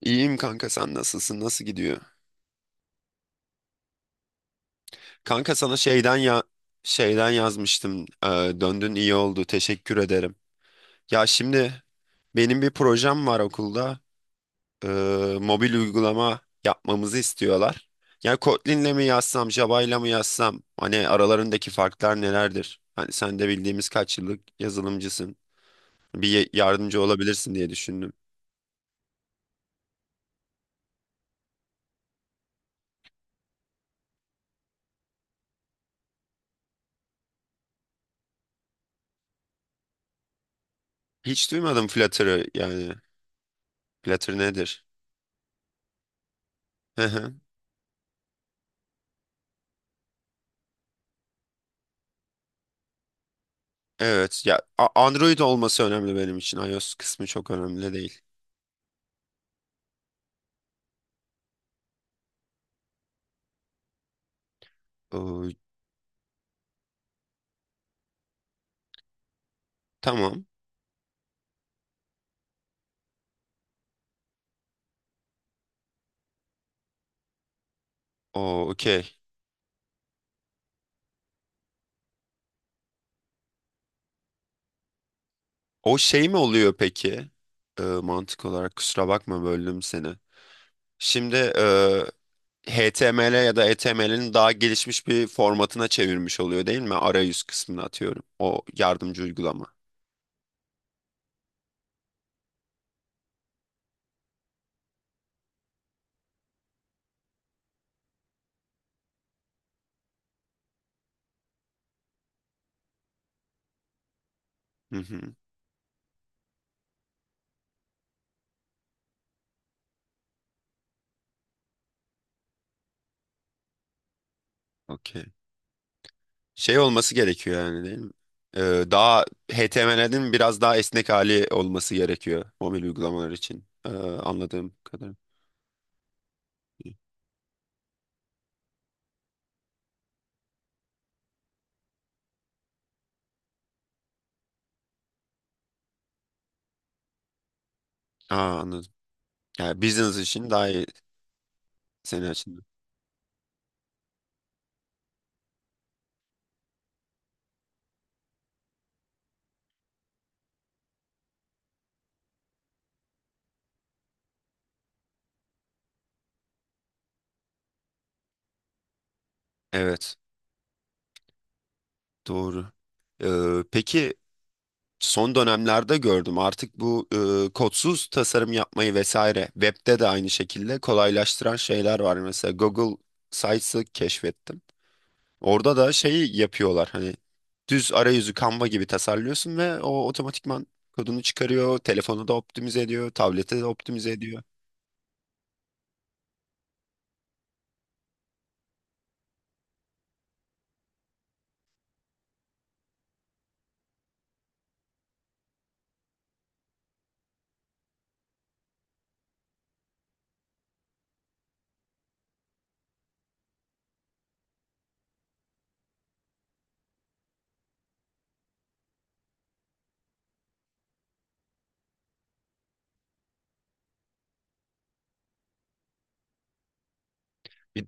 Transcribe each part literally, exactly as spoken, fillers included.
İyiyim kanka sen nasılsın? Nasıl gidiyor? Kanka sana şeyden ya şeyden yazmıştım. Ee, döndün iyi oldu. Teşekkür ederim. Ya şimdi benim bir projem var okulda. Ee, mobil uygulama yapmamızı istiyorlar. Ya Kotlin'le mi yazsam, Java'yla mı yazsam? Hani aralarındaki farklar nelerdir? Hani sen de bildiğimiz kaç yıllık yazılımcısın. Bir ye- yardımcı olabilirsin diye düşündüm. Hiç duymadım Flutter'ı yani. Flutter nedir? Evet ya A- Android olması önemli benim için. iOS kısmı çok önemli değil. Ee, tamam. O okey. O şey mi oluyor peki? Ee, mantık olarak kusura bakma böldüm seni. Şimdi e, H T M L ya da H T M L'in daha gelişmiş bir formatına çevirmiş oluyor değil mi? Arayüz kısmını atıyorum. O yardımcı uygulama. Hı hı. Okey. Şey olması gerekiyor yani değil mi? Ee, daha H T M L'in biraz daha esnek hali olması gerekiyor mobil uygulamalar için. Ee, anladığım kadarıyla. Aa, anladım. Yani business için daha iyi senin açından. Evet, doğru. Ee, peki son dönemlerde gördüm artık bu e, kodsuz tasarım yapmayı vesaire webde de aynı şekilde kolaylaştıran şeyler var. Mesela Google Sites'ı keşfettim. Orada da şeyi yapıyorlar hani düz arayüzü Canva gibi tasarlıyorsun ve o otomatikman kodunu çıkarıyor, telefonu da optimize ediyor, tablete de optimize ediyor. Bir-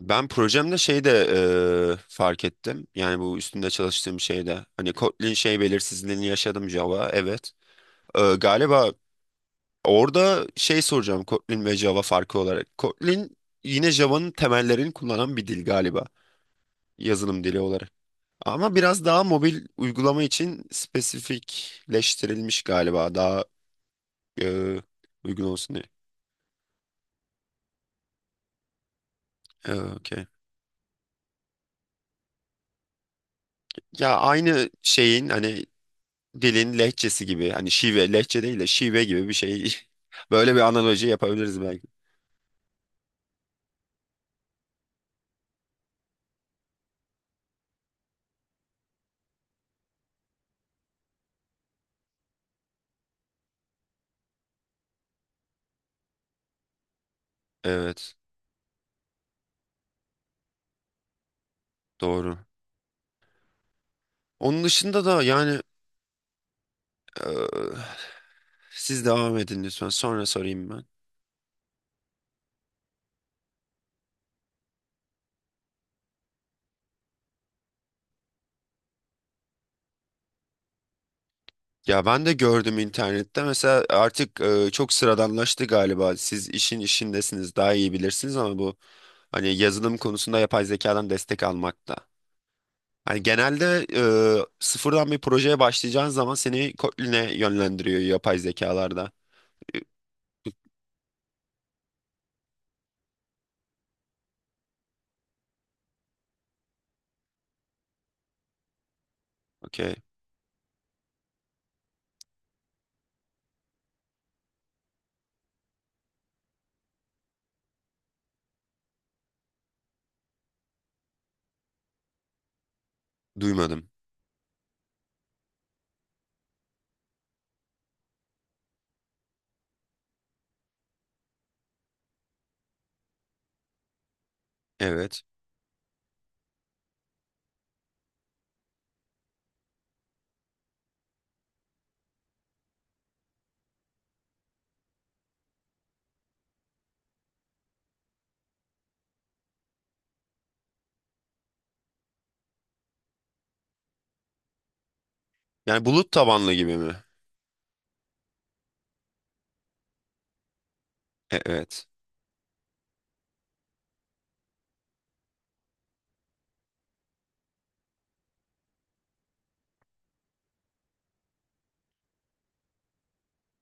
Ben projemde şey de e, fark ettim. Yani bu üstünde çalıştığım şeyde hani Kotlin şey belirsizliğini yaşadım Java evet. E, galiba orada şey soracağım Kotlin ve Java farkı olarak. Kotlin yine Java'nın temellerini kullanan bir dil galiba yazılım dili olarak. Ama biraz daha mobil uygulama için spesifikleştirilmiş galiba. Daha e, uygun olsun diye. E, okey. Ya aynı şeyin hani dilin lehçesi gibi hani şive lehçe değil de şive gibi bir şey. Böyle bir analoji yapabiliriz belki. Evet doğru. Onun dışında da yani e, siz devam edin lütfen sonra sorayım ben. Ya ben de gördüm internette mesela artık e, çok sıradanlaştı galiba. Siz işin işindesiniz daha iyi bilirsiniz ama bu hani yazılım konusunda yapay zekadan destek almakta. Hani genelde e, sıfırdan bir projeye başlayacağın zaman seni Kotlin'e yönlendiriyor yapay zekalarda. Okey. Duymadım. Evet. Yani bulut tabanlı gibi mi? E- Evet.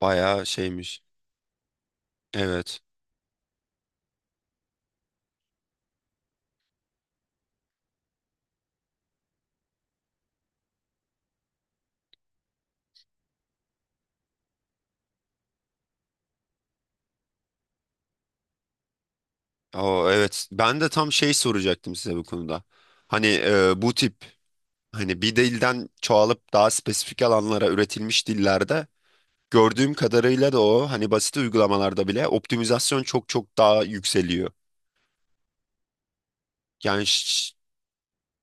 Bayağı şeymiş. Evet. O evet. Ben de tam şey soracaktım size bu konuda. Hani e, bu tip hani bir dilden çoğalıp daha spesifik alanlara üretilmiş dillerde gördüğüm kadarıyla da o hani basit uygulamalarda bile optimizasyon çok çok daha yükseliyor. Yani ş-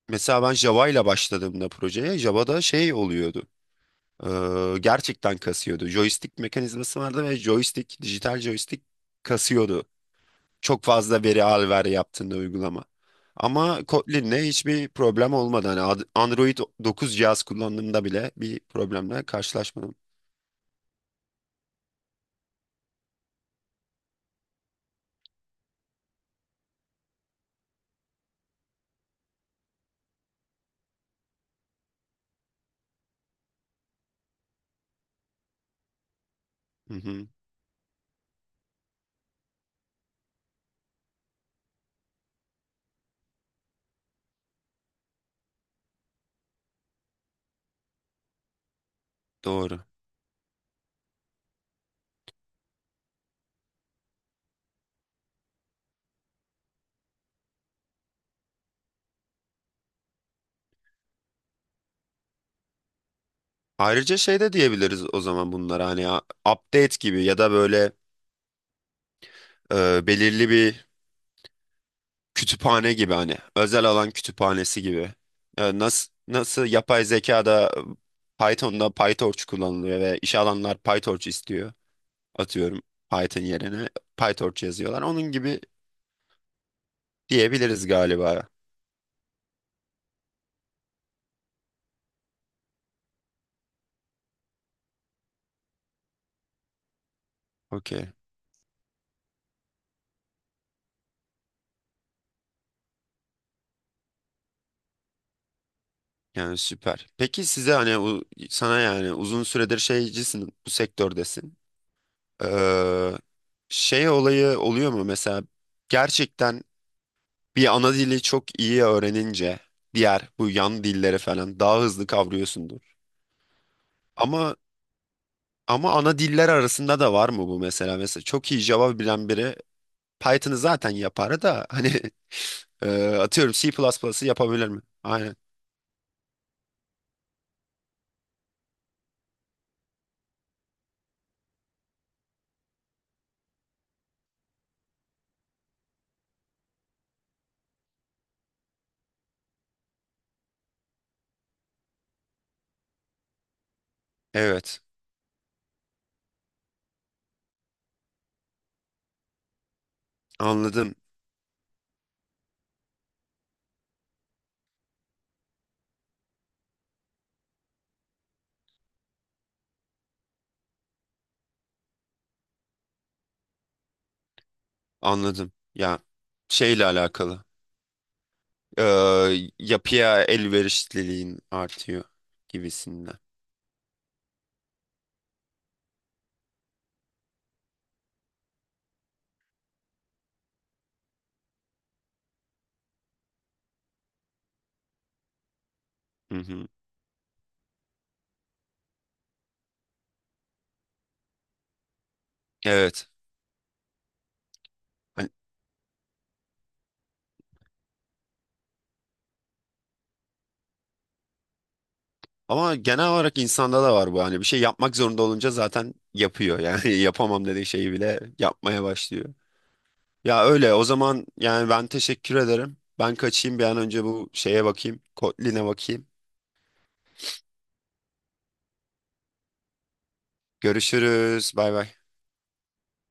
mesela ben Java ile başladığımda projeye Java'da şey oluyordu. Ee, gerçekten kasıyordu. Joystick mekanizması vardı ve joystick, dijital joystick kasıyordu. Çok fazla veri al ver yaptığında uygulama. Ama Kotlin'le hiçbir problem olmadı. Hani Ad- Android dokuz cihaz kullandığımda bile bir problemle karşılaşmadım. Hı hı, doğru. Ayrıca şey de diyebiliriz o zaman bunlara hani a- update gibi ya da böyle e, belirli bir kütüphane gibi hani özel alan kütüphanesi gibi. nasıl nasıl yapay zekada e, Python'da PyTorch kullanılıyor ve iş alanlar PyTorch istiyor. Atıyorum Python yerine PyTorch yazıyorlar. Onun gibi diyebiliriz galiba. Okey. Yani süper. Peki size hani u- sana yani uzun süredir şeycisin bu sektördesin. Ee, şey olayı oluyor mu mesela gerçekten bir ana dili çok iyi öğrenince diğer bu yan dilleri falan daha hızlı kavrıyorsundur. Ama ama ana diller arasında da var mı bu mesela? Mesela çok iyi Java bilen biri Python'ı zaten yapar da hani e, atıyorum C++'ı yapabilir mi? Aynen. Evet. Anladım. Anladım. Ya şeyle alakalı. Ee, yapıya elverişliliğin artıyor gibisinden. Hı hı. Evet. Hani- ama genel olarak insanda da var bu. Hani bir şey yapmak zorunda olunca zaten yapıyor. Yani yapamam dediği şeyi bile yapmaya başlıyor. Ya öyle. O zaman yani ben teşekkür ederim. Ben kaçayım bir an önce bu şeye bakayım. Kotlin'e bakayım. Görüşürüz. Bay bay.